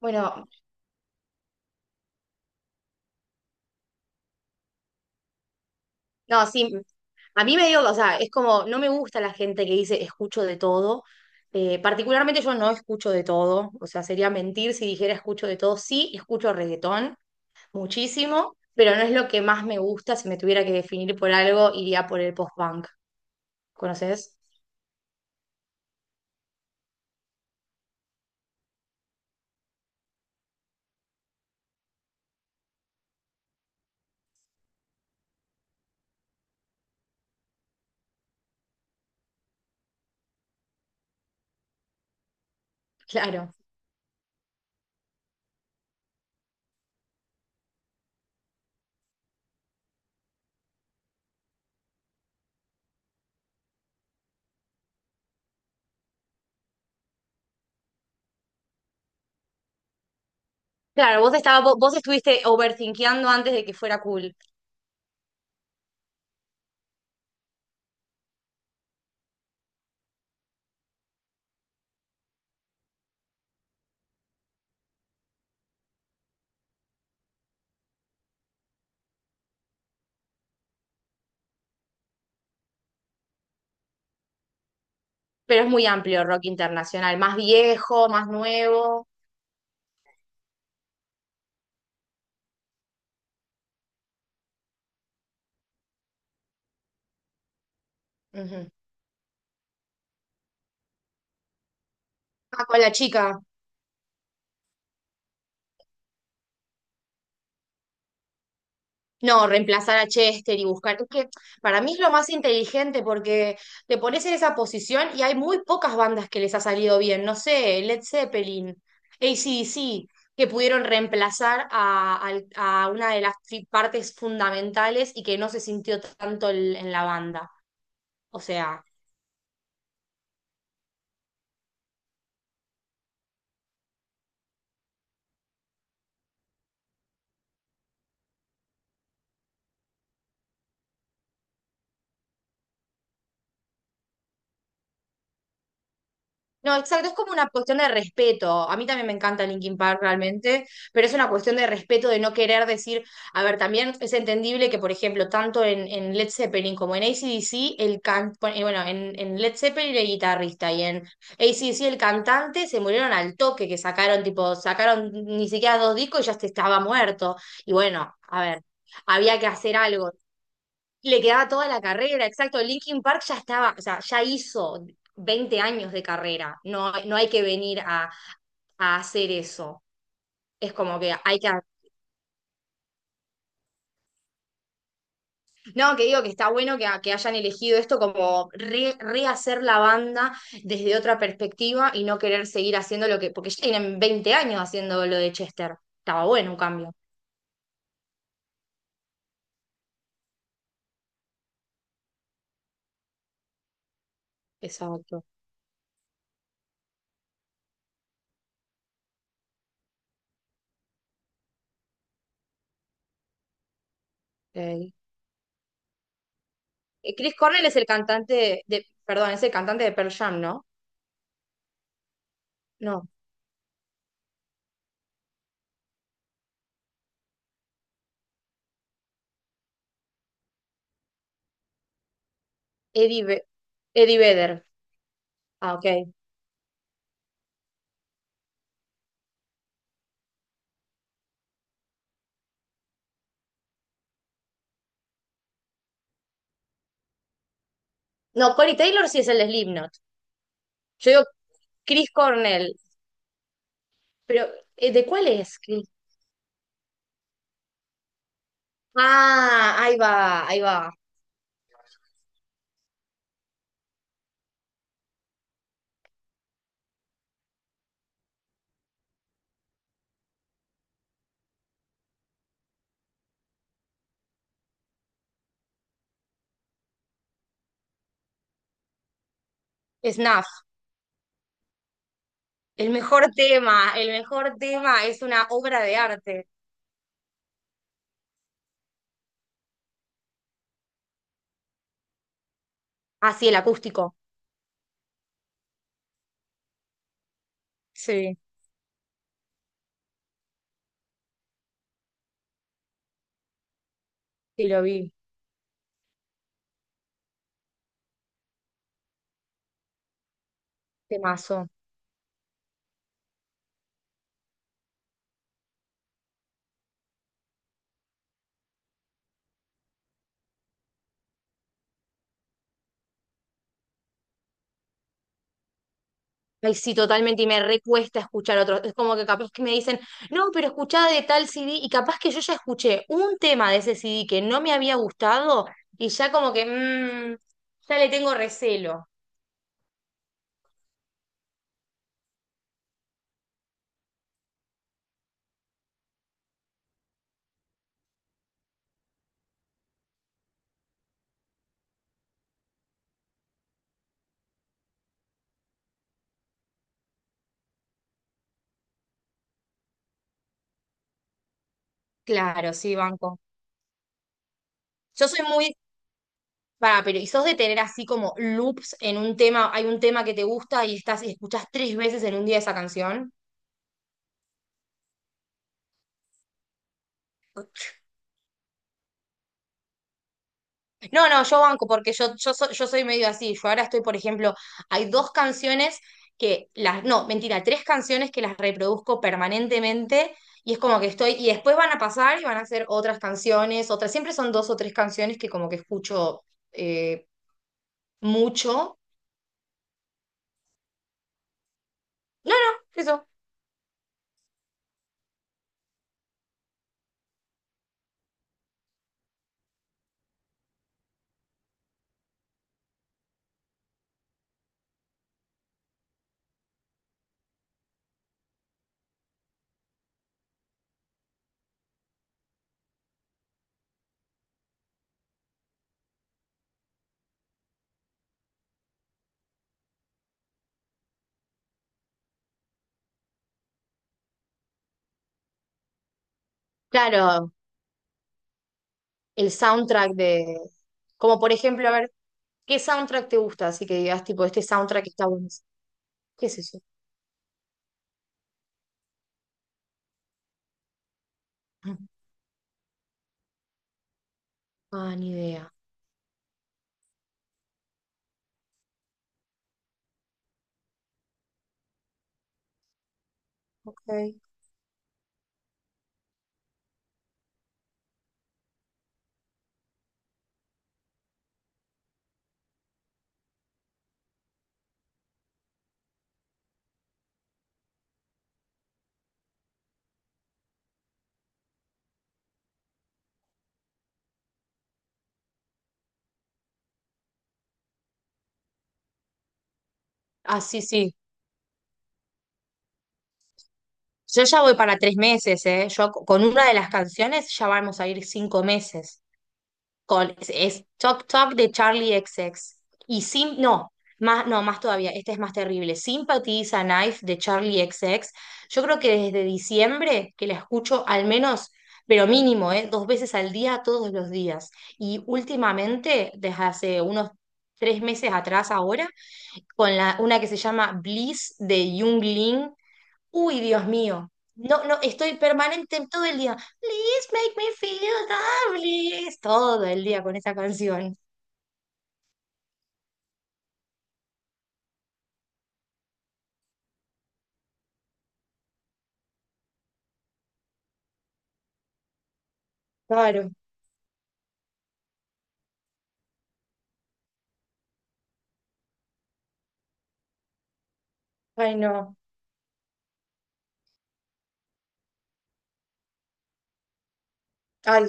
Bueno, no, sí, a mí me dio, o sea, es como, no me gusta la gente que dice escucho de todo. Particularmente yo no escucho de todo, o sea, sería mentir si dijera escucho de todo. Sí, escucho reggaetón muchísimo, pero no es lo que más me gusta. Si me tuviera que definir por algo, iría por el post-punk. ¿Conoces? Claro. Claro, vos estuviste overthinkeando antes de que fuera cool, pero es muy amplio rock internacional, más viejo, más nuevo. Ujú. Ah, con la chica. No, reemplazar a Chester y buscar. Es que para mí es lo más inteligente porque te pones en esa posición y hay muy pocas bandas que les ha salido bien. No sé, Led Zeppelin, AC/DC, que pudieron reemplazar a una de las partes fundamentales y que no se sintió tanto en la banda. O sea. No, exacto, es como una cuestión de respeto. A mí también me encanta Linkin Park realmente, pero es una cuestión de respeto, de no querer decir, a ver, también es entendible que, por ejemplo, tanto en Led Zeppelin como en AC/DC, el can... bueno, en Led Zeppelin el guitarrista y en AC/DC el cantante se murieron al toque, que sacaron, tipo, sacaron ni siquiera dos discos y ya se estaba muerto. Y bueno, a ver, había que hacer algo. Le quedaba toda la carrera, exacto. Linkin Park ya estaba, o sea, ya hizo 20 años de carrera. No, no hay que venir a hacer eso. Es como que hay que. No, que digo que está bueno que hayan elegido esto como rehacer la banda desde otra perspectiva y no querer seguir haciendo lo que. Porque ya tienen 20 años haciendo lo de Chester. Estaba bueno un cambio. Exacto. Ok. Chris Cornell es el cantante de. Perdón, es el cantante de Pearl Jam, ¿no? No. Eddie, Ve- Eddie Vedder. Ah, ok. No, Corey Taylor sí es el de Slipknot. Yo digo Chris Cornell. Pero, ¿de cuál es? Chris? Ah, ahí va, ahí va. Snuff. El mejor tema es una obra de arte. Ah, sí, el acústico. Sí, sí lo vi. Temazo. Ay, sí, totalmente, y me recuesta escuchar otros. Es como que capaz que me dicen, no, pero escuchá de tal CD, y capaz que yo ya escuché un tema de ese CD que no me había gustado, y ya como que, mmm, ya le tengo recelo. Claro, sí, banco. Yo soy muy, para, pero ¿y sos de tener así como loops en un tema, hay un tema que te gusta y estás y escuchás 3 veces en un día esa canción? No, no, yo banco porque yo soy medio así. Yo ahora estoy, por ejemplo, hay dos canciones que las, no, mentira, tres canciones que las reproduzco permanentemente y es como que estoy, y después van a pasar y van a ser otras canciones, otras, siempre son dos o tres canciones que como que escucho eh, mucho. No, no, eso. Claro, el soundtrack de, como por ejemplo, a ver, ¿qué soundtrack te gusta? Así que digas, tipo, este soundtrack está bueno. ¿Qué es eso? Ah, ni idea. Ok. Ah, sí, sí. Yo ya voy para 3 meses, ¿eh? Yo con una de las canciones ya vamos a ir 5 meses. Con, es Talk Talk de Charlie XX. Y Sim, no, más, no, más todavía, este es más terrible. Sympathy is a Knife de Charlie XX. Yo creo que desde diciembre que la escucho al menos, pero mínimo, ¿eh? 2 veces al día, todos los días. Y últimamente, desde hace unos 3 meses atrás ahora, con la, una que se llama Bliss de Jung Lin, uy, Dios mío. No, no, estoy permanente todo el día. Please make me feel lovely. Todo el día con esa canción. Claro. Ay, no. Ay,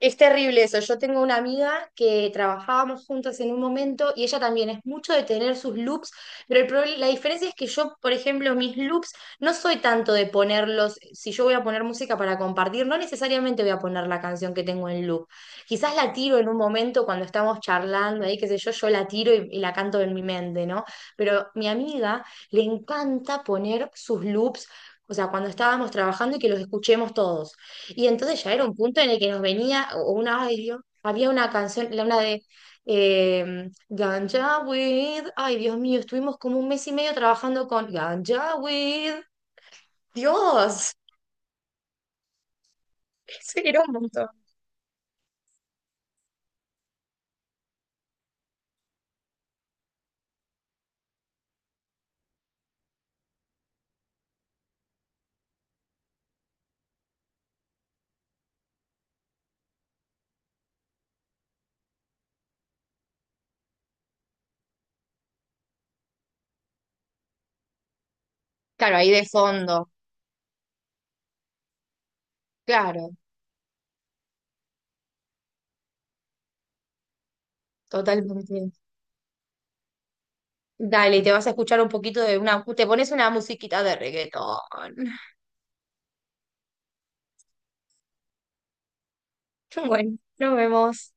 es terrible eso. Yo tengo una amiga que trabajábamos juntas en un momento y ella también es mucho de tener sus loops, pero la diferencia es que yo, por ejemplo, mis loops no soy tanto de ponerlos, si yo voy a poner música para compartir, no necesariamente voy a poner la canción que tengo en loop. Quizás la tiro en un momento cuando estamos charlando, ahí qué sé yo, yo la tiro y la canto en mi mente, ¿no? Pero mi amiga le encanta poner sus loops, o sea, cuando estábamos trabajando y que los escuchemos todos. Y entonces ya era un punto en el que nos venía una, ay Dios, había una canción, la una de Ganja with, ay Dios mío, estuvimos como un mes y medio trabajando con Ganja with, Dios. Claro, ahí de fondo, claro, totalmente. Dale, y te vas a escuchar un poquito de una, te pones una musiquita de reggaetón. Bueno, nos vemos.